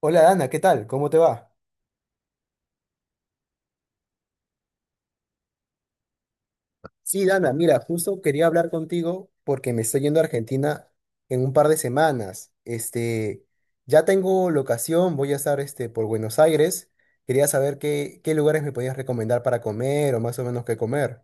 Hola Dana, ¿qué tal? ¿Cómo te va? Sí, Dana, mira, justo quería hablar contigo porque me estoy yendo a Argentina en un par de semanas. Ya tengo locación, voy a estar por Buenos Aires. Quería saber qué lugares me podías recomendar para comer o más o menos qué comer.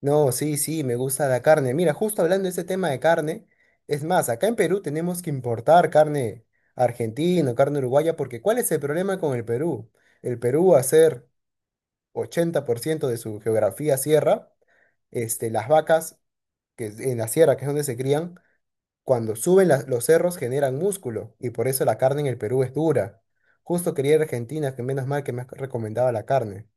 No, sí, me gusta la carne. Mira, justo hablando de ese tema de carne, es más, acá en Perú tenemos que importar carne argentina, o carne uruguaya, porque ¿cuál es el problema con el Perú? El Perú hacer 80% de su geografía sierra, las vacas que es en la sierra, que es donde se crían, cuando suben los cerros generan músculo y por eso la carne en el Perú es dura. Justo quería ir a Argentina, que menos mal que me has recomendado la carne.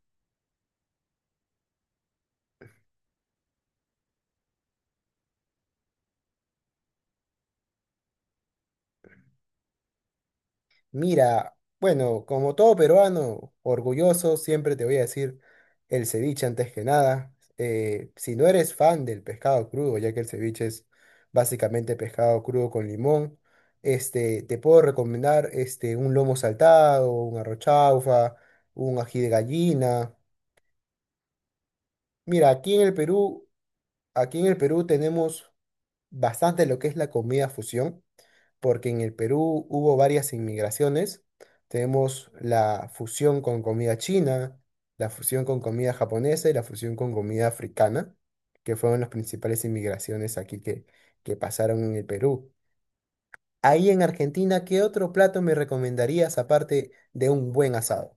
Mira, bueno, como todo peruano, orgulloso, siempre te voy a decir el ceviche antes que nada. Si no eres fan del pescado crudo, ya que el ceviche es básicamente pescado crudo con limón, te puedo recomendar un lomo saltado, un arroz chaufa, un ají de gallina. Mira, aquí en el Perú tenemos bastante lo que es la comida fusión porque en el Perú hubo varias inmigraciones. Tenemos la fusión con comida china, la fusión con comida japonesa y la fusión con comida africana, que fueron las principales inmigraciones aquí que pasaron en el Perú. Ahí en Argentina, ¿qué otro plato me recomendarías aparte de un buen asado?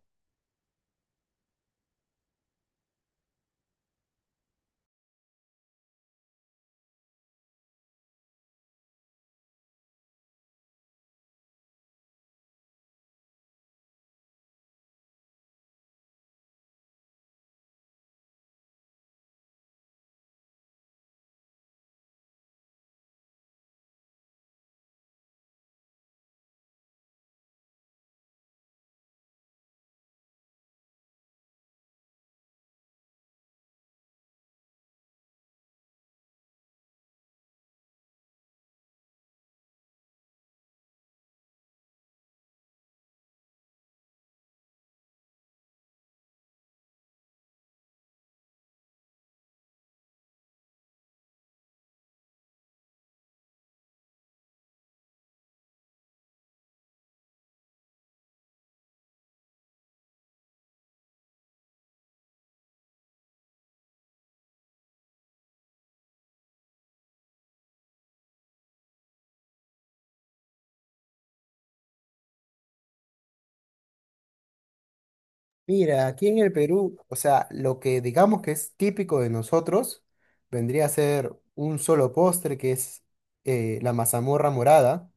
Mira, aquí en el Perú, o sea, lo que digamos que es típico de nosotros vendría a ser un solo postre que es la mazamorra morada.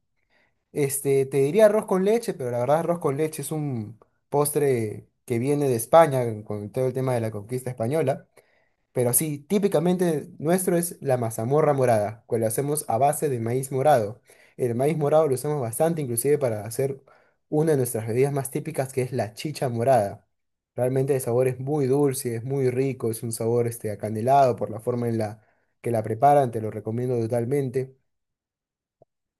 Te diría arroz con leche, pero la verdad arroz con leche es un postre que viene de España con todo el tema de la conquista española. Pero sí, típicamente nuestro es la mazamorra morada, que lo hacemos a base de maíz morado. El maíz morado lo usamos bastante, inclusive para hacer una de nuestras bebidas más típicas, que es la chicha morada. Realmente el sabor es muy dulce, es muy rico, es un sabor acanelado por la forma en la que la preparan, te lo recomiendo totalmente.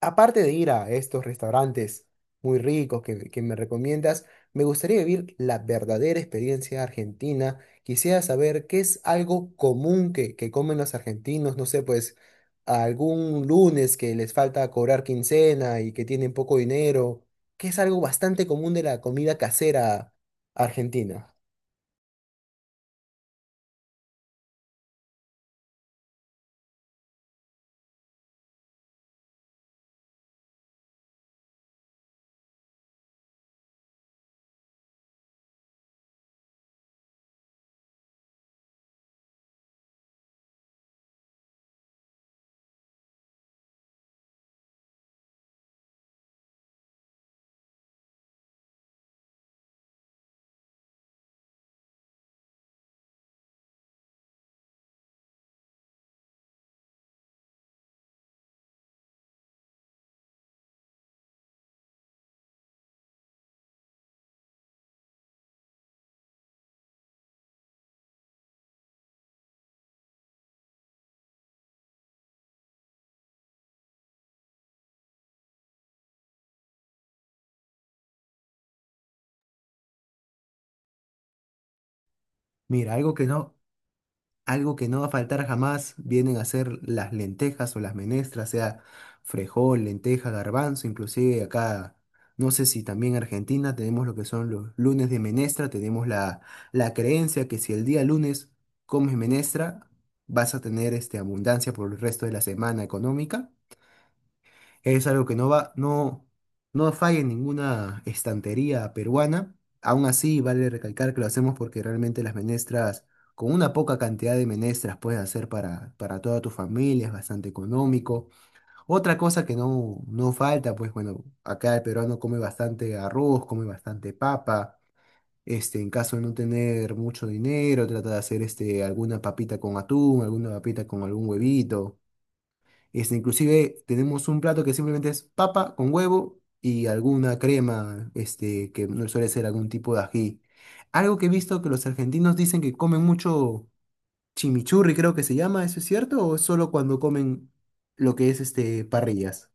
Aparte de ir a estos restaurantes muy ricos que me recomiendas, me gustaría vivir la verdadera experiencia argentina. Quisiera saber qué es algo común que comen los argentinos, no sé, pues algún lunes que les falta cobrar quincena y que tienen poco dinero, que es algo bastante común de la comida casera argentina. Mira, algo que no, Algo que no va a faltar jamás vienen a ser las lentejas o las menestras, sea frejol, lenteja, garbanzo, inclusive acá, no sé si también Argentina tenemos lo que son los lunes de menestra, tenemos la creencia que si el día lunes comes menestra, vas a tener abundancia por el resto de la semana económica. Es algo que no va, no, no falla en ninguna estantería peruana. Aún así, vale recalcar que lo hacemos porque realmente las menestras, con una poca cantidad de menestras, puedes hacer para toda tu familia, es bastante económico. Otra cosa que no falta, pues bueno, acá el peruano come bastante arroz, come bastante papa. En caso de no tener mucho dinero, trata de hacer alguna papita con atún, alguna papita con algún huevito. Inclusive tenemos un plato que simplemente es papa con huevo y alguna crema, que no suele ser algún tipo de ají. Algo que he visto que los argentinos dicen que comen mucho chimichurri, creo que se llama, ¿eso es cierto? ¿O es solo cuando comen lo que es este parrillas?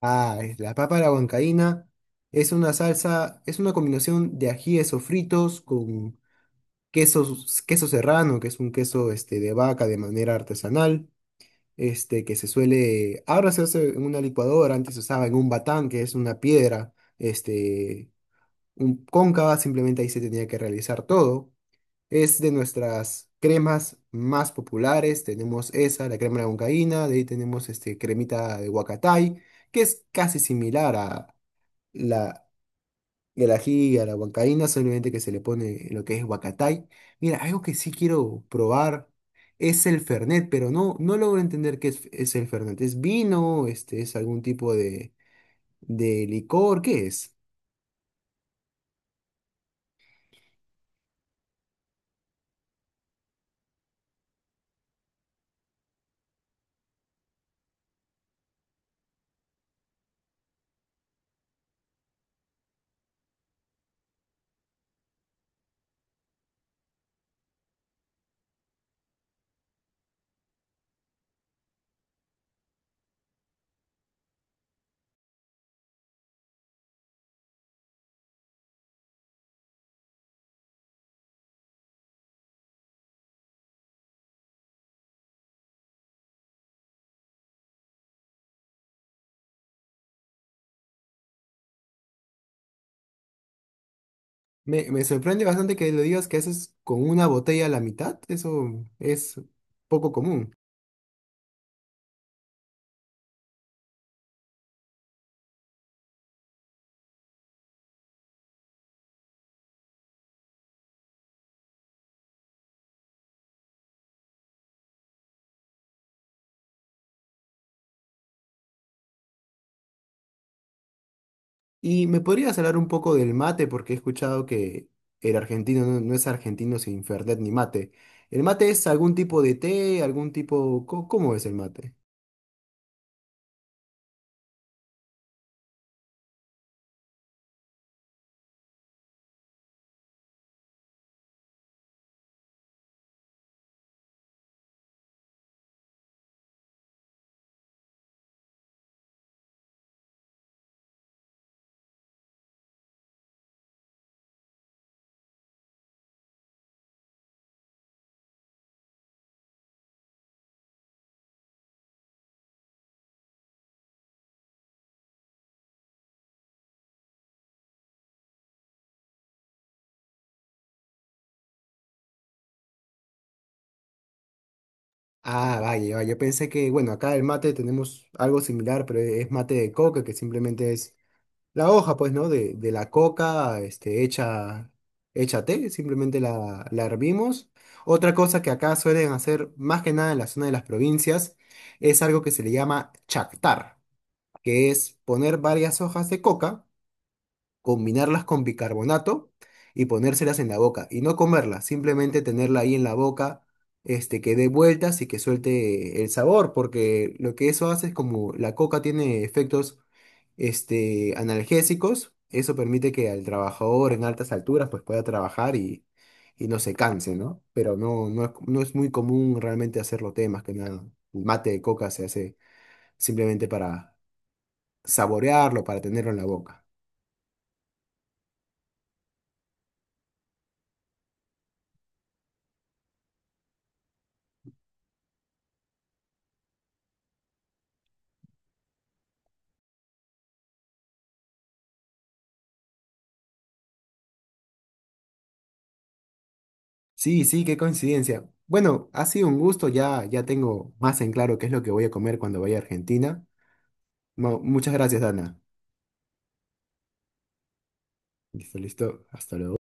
Ah, es la papa a la huancaína, es una salsa, es una combinación de ajíes sofritos con queso queso serrano, que es un queso de vaca de manera artesanal que se suele, ahora se hace en una licuadora, antes se usaba en un batán, que es una piedra, este, cóncava, simplemente ahí se tenía que realizar todo. Es de nuestras cremas más populares, tenemos esa, la crema de huancaína, de ahí tenemos cremita de huacatay, que es casi similar a y al ají, a la huancaína, solamente que se le pone lo que es huacatay. Mira, algo que sí quiero probar es el fernet, pero no logro entender qué es el fernet. ¿Es vino? ¿Es algún tipo de licor? ¿Qué es? Me sorprende bastante que lo digas que haces con una botella a la mitad. Eso es poco común. ¿Y me podrías hablar un poco del mate? Porque he escuchado que el argentino no es argentino sin Fernet ni mate. ¿El mate es algún tipo de té, algún tipo... cómo es el mate? Ah, vaya, vaya. Yo pensé que, bueno, acá el mate tenemos algo similar, pero es mate de coca, que simplemente es la hoja, pues, ¿no? De la coca, hecha té, simplemente la hervimos. Otra cosa que acá suelen hacer, más que nada en la zona de las provincias, es algo que se le llama chactar, que es poner varias hojas de coca, combinarlas con bicarbonato y ponérselas en la boca. Y no comerlas, simplemente tenerla ahí en la boca, que dé vueltas y que suelte el sabor, porque lo que eso hace es como la coca tiene efectos analgésicos, eso permite que al trabajador en altas alturas pues pueda trabajar y no se canse, ¿no? Pero no es muy común realmente hacerlo temas que nada. El mate de coca se hace simplemente para saborearlo, para tenerlo en la boca. Sí, sí, qué coincidencia. Bueno, ha sido un gusto, ya tengo más en claro qué es lo que voy a comer cuando vaya a Argentina. Muchas gracias, Ana. Listo, listo. Hasta luego.